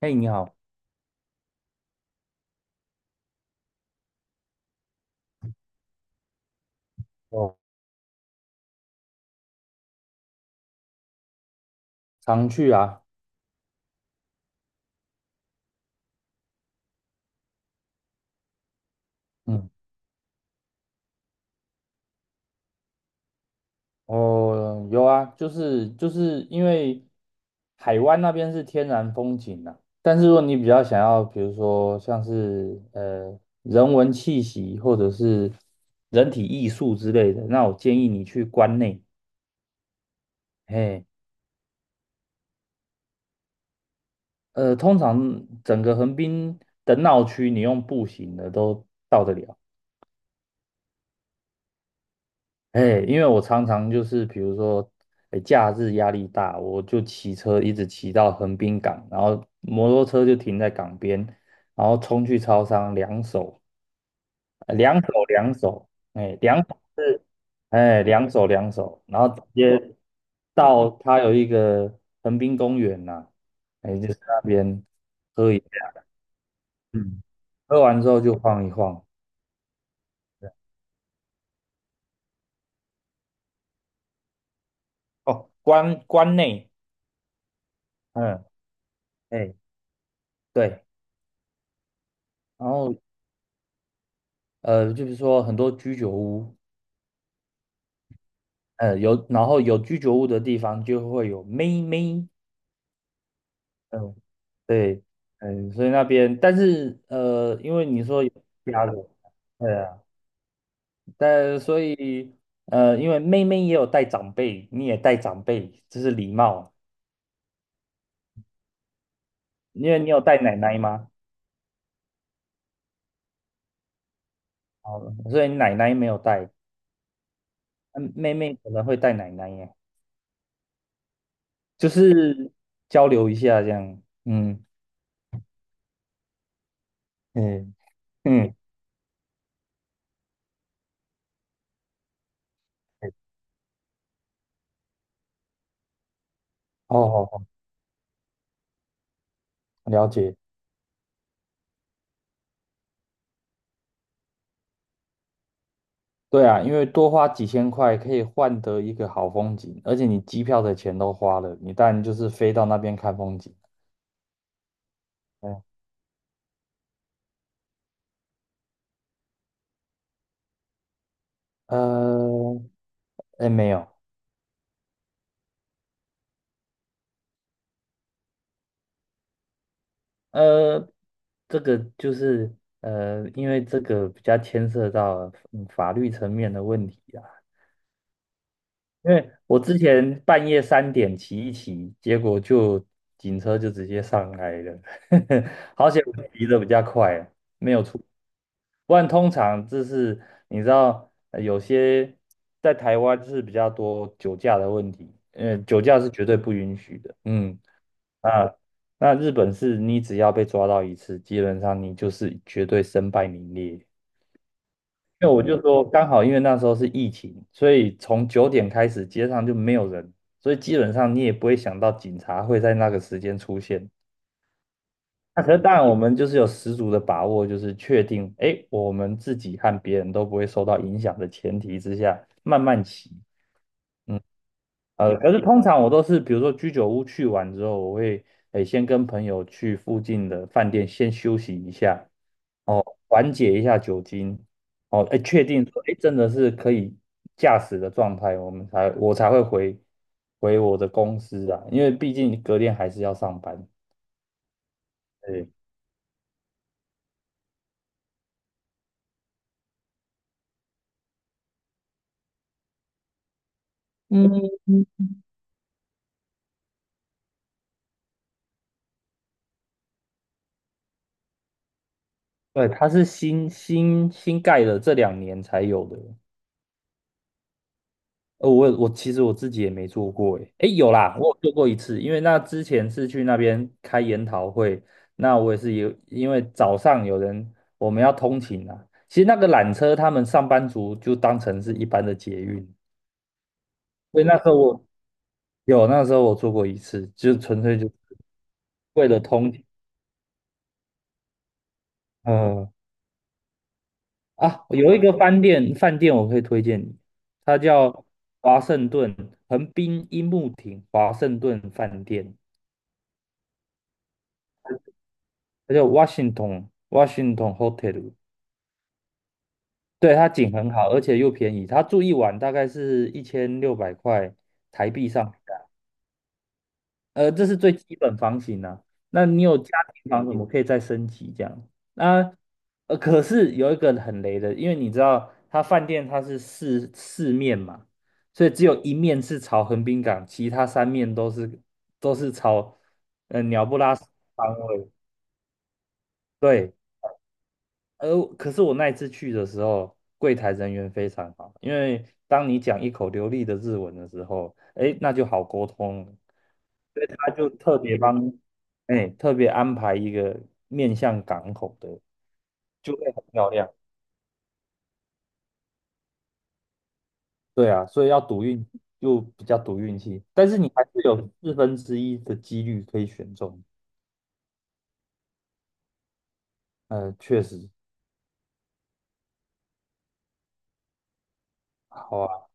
嘿，你好。哦，常去啊。嗯。哦，有啊，就是因为海湾那边是天然风景啊，但是如果你比较想要，比如说像是人文气息或者是人体艺术之类的，那我建议你去关内。嘿。通常整个横滨的闹区，你用步行的都到得了。哎，因为我常常就是比如说，哎，假日压力大，我就骑车一直骑到横滨港，然后摩托车就停在港边，然后冲去超商，两手两手两手。哎，两手是，哎，两手两手，然后直接到它有一个横滨公园呐、哎，就是那边，嗯，喝完之后就晃一晃。对。哦，关内，嗯，哎，对。然后就是说很多居酒屋。有，然后有居酒屋的地方就会有妹妹。嗯。对。嗯，所以那边，但是因为你说有家人。对啊，但所以因为妹妹也有带长辈，你也带长辈，这是礼貌。因为你有带奶奶吗？哦，所以你奶奶没有带。嗯，妹妹可能会带奶奶耶，就是交流一下这样。嗯嗯嗯。好好好。了解。对啊，因为多花几千块可以换得一个好风景，而且你机票的钱都花了，你当然就是飞到那边看风景。嗯。呃，哎，没有。呃，这个就是因为这个比较牵涉到法律层面的问题啊。因为我之前半夜3点骑一骑，结果就警车就直接上来了。好险我骑的比较快啊。没有出。不然通常就是你知道，有些在台湾是比较多酒驾的问题。酒驾是绝对不允许的。嗯啊，那日本是你只要被抓到一次，基本上你就是绝对身败名裂。因为我就说刚好，因为那时候是疫情，所以从9点开始街上就没有人，所以基本上你也不会想到警察会在那个时间出现。那可是当然，我们就是有十足的把握，就是确定，哎，我们自己和别人都不会受到影响的前提之下，慢慢骑。嗯。可是通常我都是，比如说居酒屋去完之后，我会诶先跟朋友去附近的饭店先休息一下。哦，缓解一下酒精。哦，诶，确定说诶真的是可以驾驶的状态，我才会回我的公司啊，因为毕竟隔天还是要上班。对。嗯，对，它是新盖的，这2年才有的。我其实我自己也没做过诶。诶，有啦，我有做过一次，因为那之前是去那边开研讨会，那我也是有，因为早上有人我们要通勤啊，其实那个缆车他们上班族就当成是一般的捷运，所以那时候我有，那时候我做过一次，就纯粹就为了通勤。嗯、啊，有一个饭店我可以推荐你，它叫华盛顿横滨樱木町华盛顿饭店。它叫 Washington Hotel。对，它景很好，而且又便宜。它住一晚大概是1600块台币上下。这是最基本房型呢。那你有家庭房，我们可以再升级这样。那可是有一个很雷的，因为你知道它饭店它是四面嘛，所以只有一面是朝横滨港，其他三面都是朝鸟不拉屎的方位。对。可是我那一次去的时候，柜台人员非常好，因为当你讲一口流利的日文的时候，哎，那就好沟通了。所以他就特别帮，哎，特别安排一个面向港口的，就会很漂亮。对啊，所以要赌运，就比较赌运气，但是你还是有1/4的几率可以选中。确实。好啊。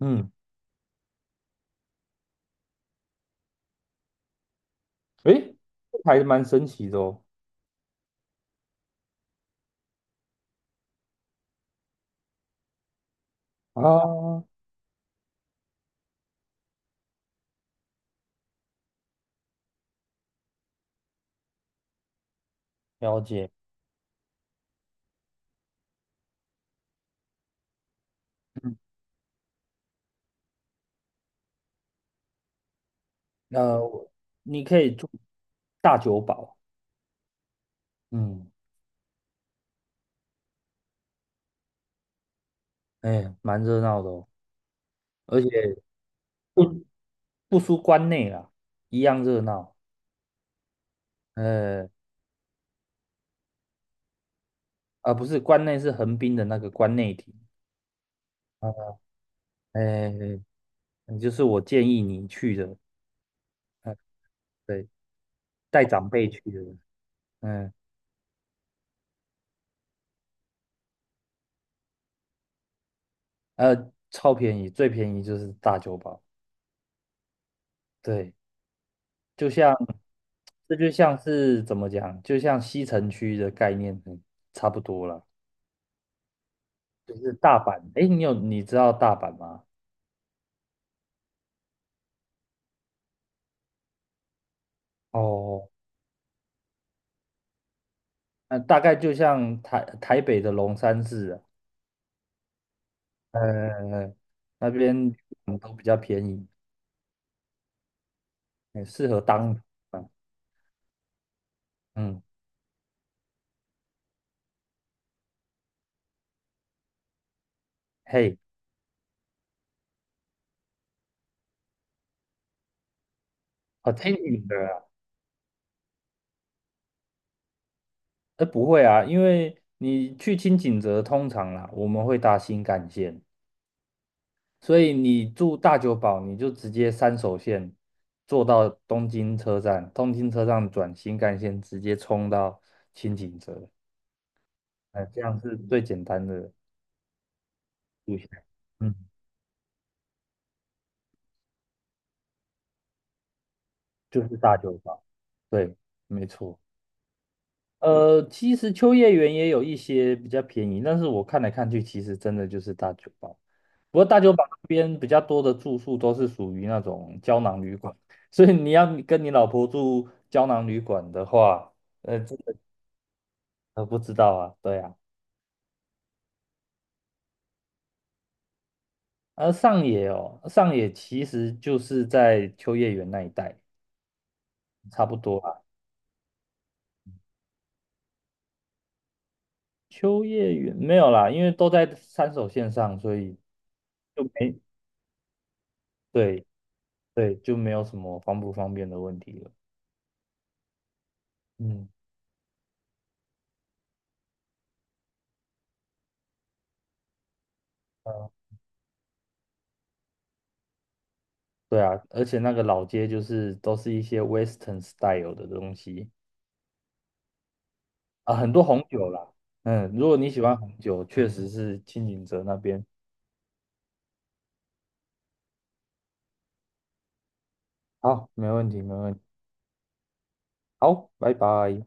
嗯。诶，这还蛮神奇的哦。啊，了解。嗯，那你可以住大久堡。嗯，哎，蛮热闹的哦，而且不不输关内啦，一样热闹。呃，啊，不是关内是横滨的那个关内町啊。哎，哎，就是我建议你去的。呃，对，带长辈去的。嗯。超便宜，最便宜就是大久堡。对，就像这就像是怎么讲，就像西城区的概念，很差不多啦。就是大阪。诶，你知道大阪吗？哦，那大概就像台北的龙山寺啊。呃，那边都比较便宜，很适合当啊。嗯。嘿，好听你的啊。不会啊，因为你去清景泽通常啦，我们会搭新干线，所以你住大久保，你就直接三手线坐到东京车站，东京车站转新干线，直接冲到清景泽。哎，这样是最简单的路线。嗯，就是大酒吧。对，没错。其实秋叶原也有一些比较便宜，但是我看来看去，其实真的就是大酒吧。不过大酒吧那边比较多的住宿都是属于那种胶囊旅馆，所以你要跟你老婆住胶囊旅馆的话。这不知道啊，对啊。而上野哦，上野其实就是在秋叶原那一带，差不多啊。秋叶原没有啦，因为都在三手线上，所以就没，对对，就没有什么方不方便的问题了。嗯。呃对啊，而且那个老街就是都是一些 Western style 的东西啊，很多红酒啦。嗯，如果你喜欢红酒，确实是青井泽那边。好，没问题，没问题。好，拜拜。